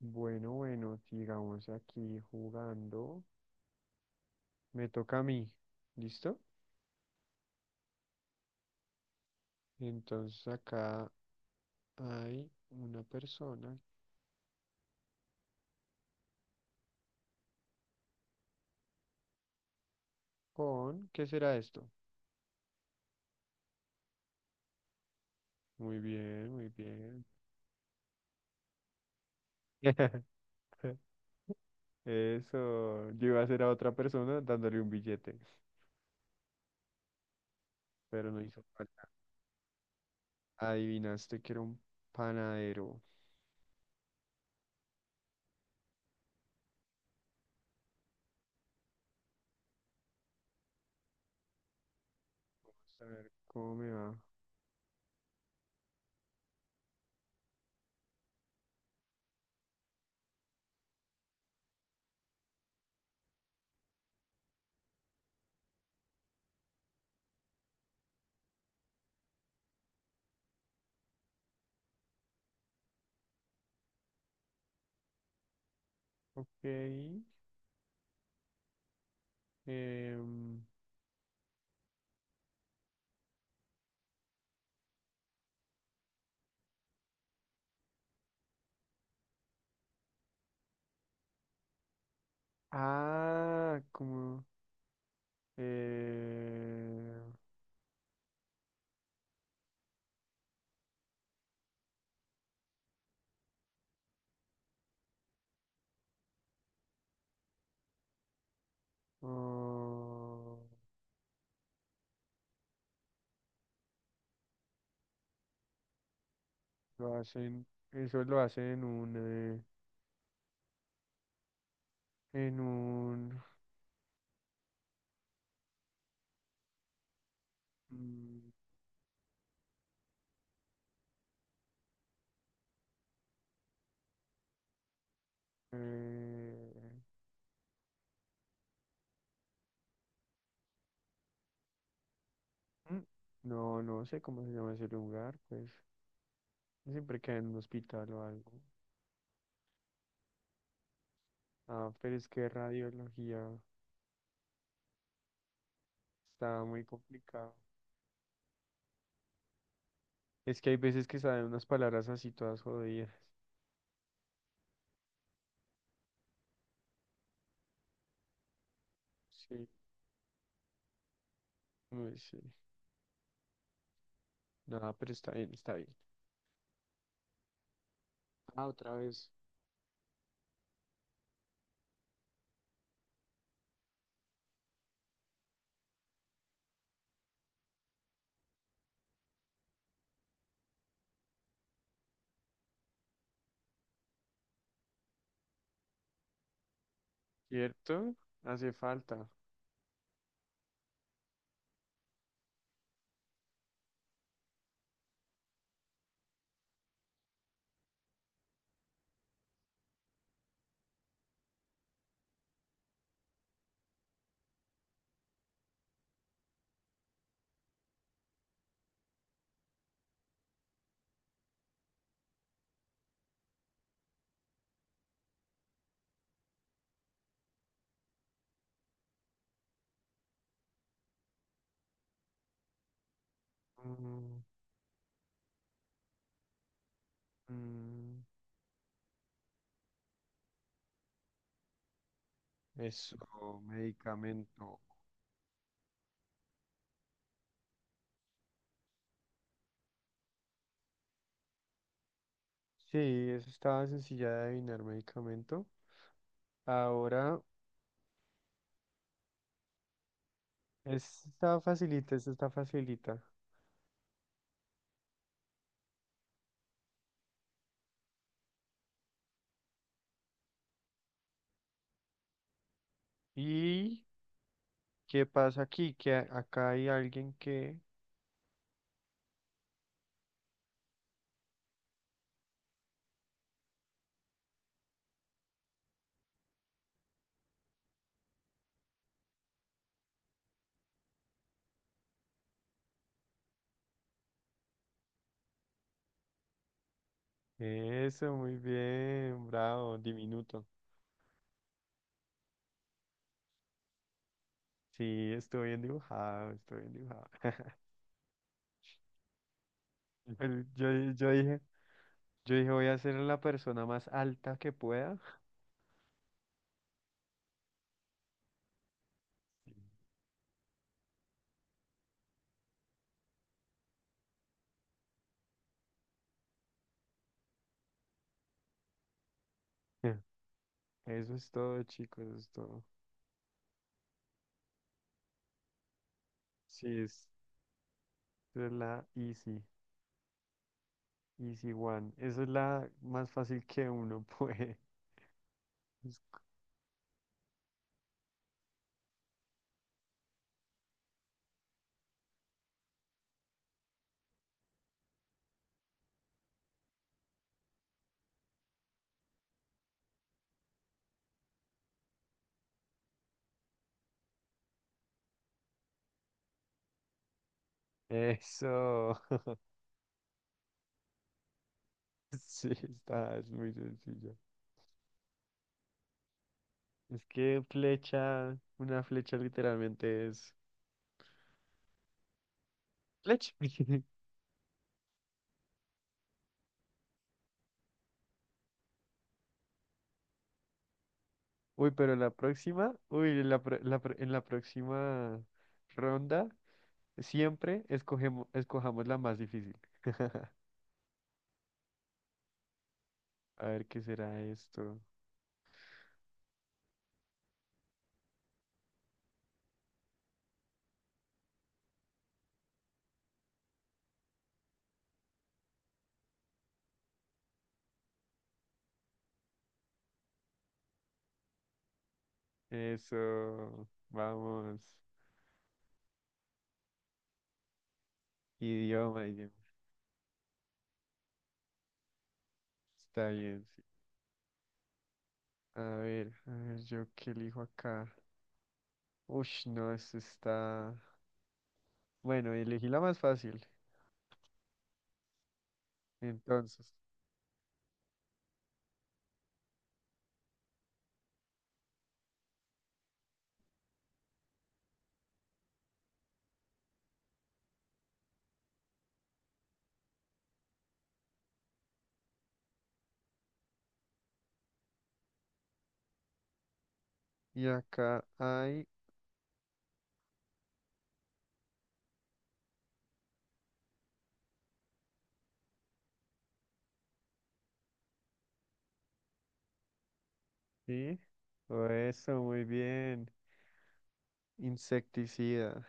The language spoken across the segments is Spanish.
Bueno, bueno, sigamos aquí jugando. Me toca a mí. ¿Listo? Entonces acá hay una persona con... ¿Qué será esto? Muy bien, muy bien. Eso. Yo iba a hacer a otra persona dándole un billete, pero no hizo falta. Adivinaste que era un panadero. Vamos a ver cómo me va. Ok. em, ah, em, Ah, lo hacen, eso lo hacen en un, mm, eh, mm, no, no sé cómo se llama ese lugar, pues siempre queda en un hospital o algo. Ah, pero es que radiología está muy complicado. Es que hay veces que salen unas palabras así todas jodidas. Sí, muy sí. Nada, pero está bien, está bien. Ah, otra vez. ¿Cierto? Hace falta. Mm, mm. Eso, medicamento. Sí, eso estaba sencilla de adivinar, medicamento. Ahora, esta está facilita, esta está facilita. ¿Y qué pasa aquí? Que acá hay alguien que... Eso, muy bien, bravo, diminuto. Sí, estoy bien dibujado, estoy bien dibujado. Pero Yo dije, yo dije, voy a ser la persona más alta que pueda. Eso es todo, chicos, eso es todo. Sí, es la easy. Easy One. Esa es la más fácil que uno puede. Eso. Sí, está, es muy sencillo. Es que flecha, una flecha literalmente es flecha. Uy, pero en la próxima, uy, en la, en la próxima ronda, siempre escogemos, escojamos la más difícil. A ver qué será esto. Eso, vamos. Idioma, idioma. Está bien. A ver, yo qué elijo acá. Uy, no, esto está. Bueno, elegí la más fácil. Entonces, y acá hay. Sí, oh, eso, muy bien. Insecticida.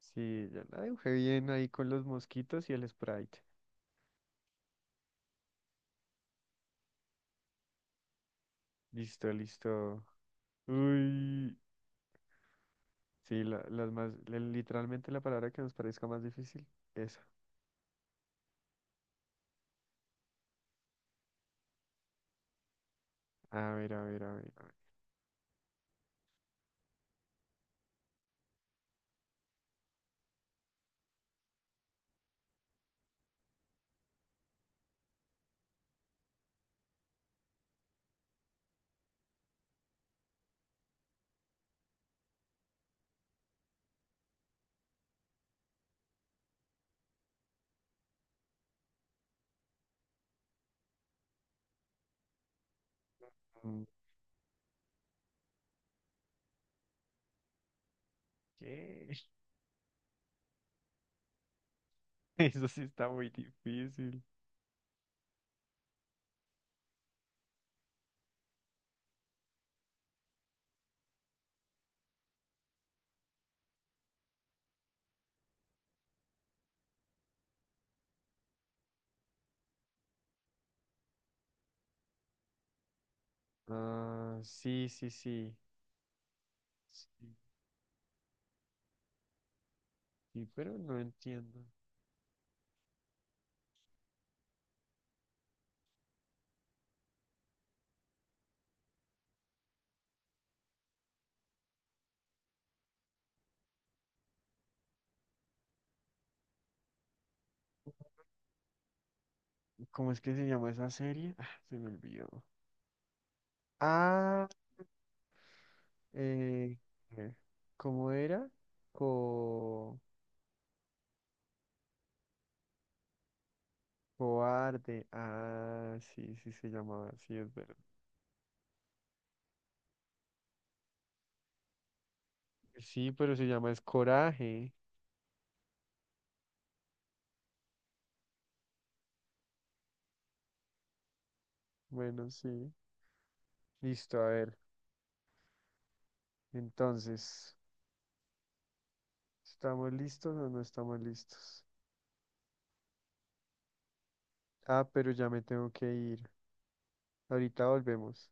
Sí, ya la dibujé bien ahí con los mosquitos y el Sprite. Listo, listo. Uy, sí, la, las más. Literalmente la palabra que nos parezca más difícil, esa. A ver, a ver, a ver, a ver. Mm, ¿qué? Eso sí está muy difícil. Ah, sí, sí, sí. Sí, sí, pero no entiendo. ¿Cómo es que se llama esa serie? Ah, se me olvidó. Ah, eh, eh, ¿cómo era? Co cobarde. Ah, sí, sí se llamaba, sí, es verdad. Sí, pero se llama es coraje. Bueno, sí. Listo, a ver. Entonces, ¿estamos listos o no estamos listos? Ah, pero ya me tengo que ir. Ahorita volvemos.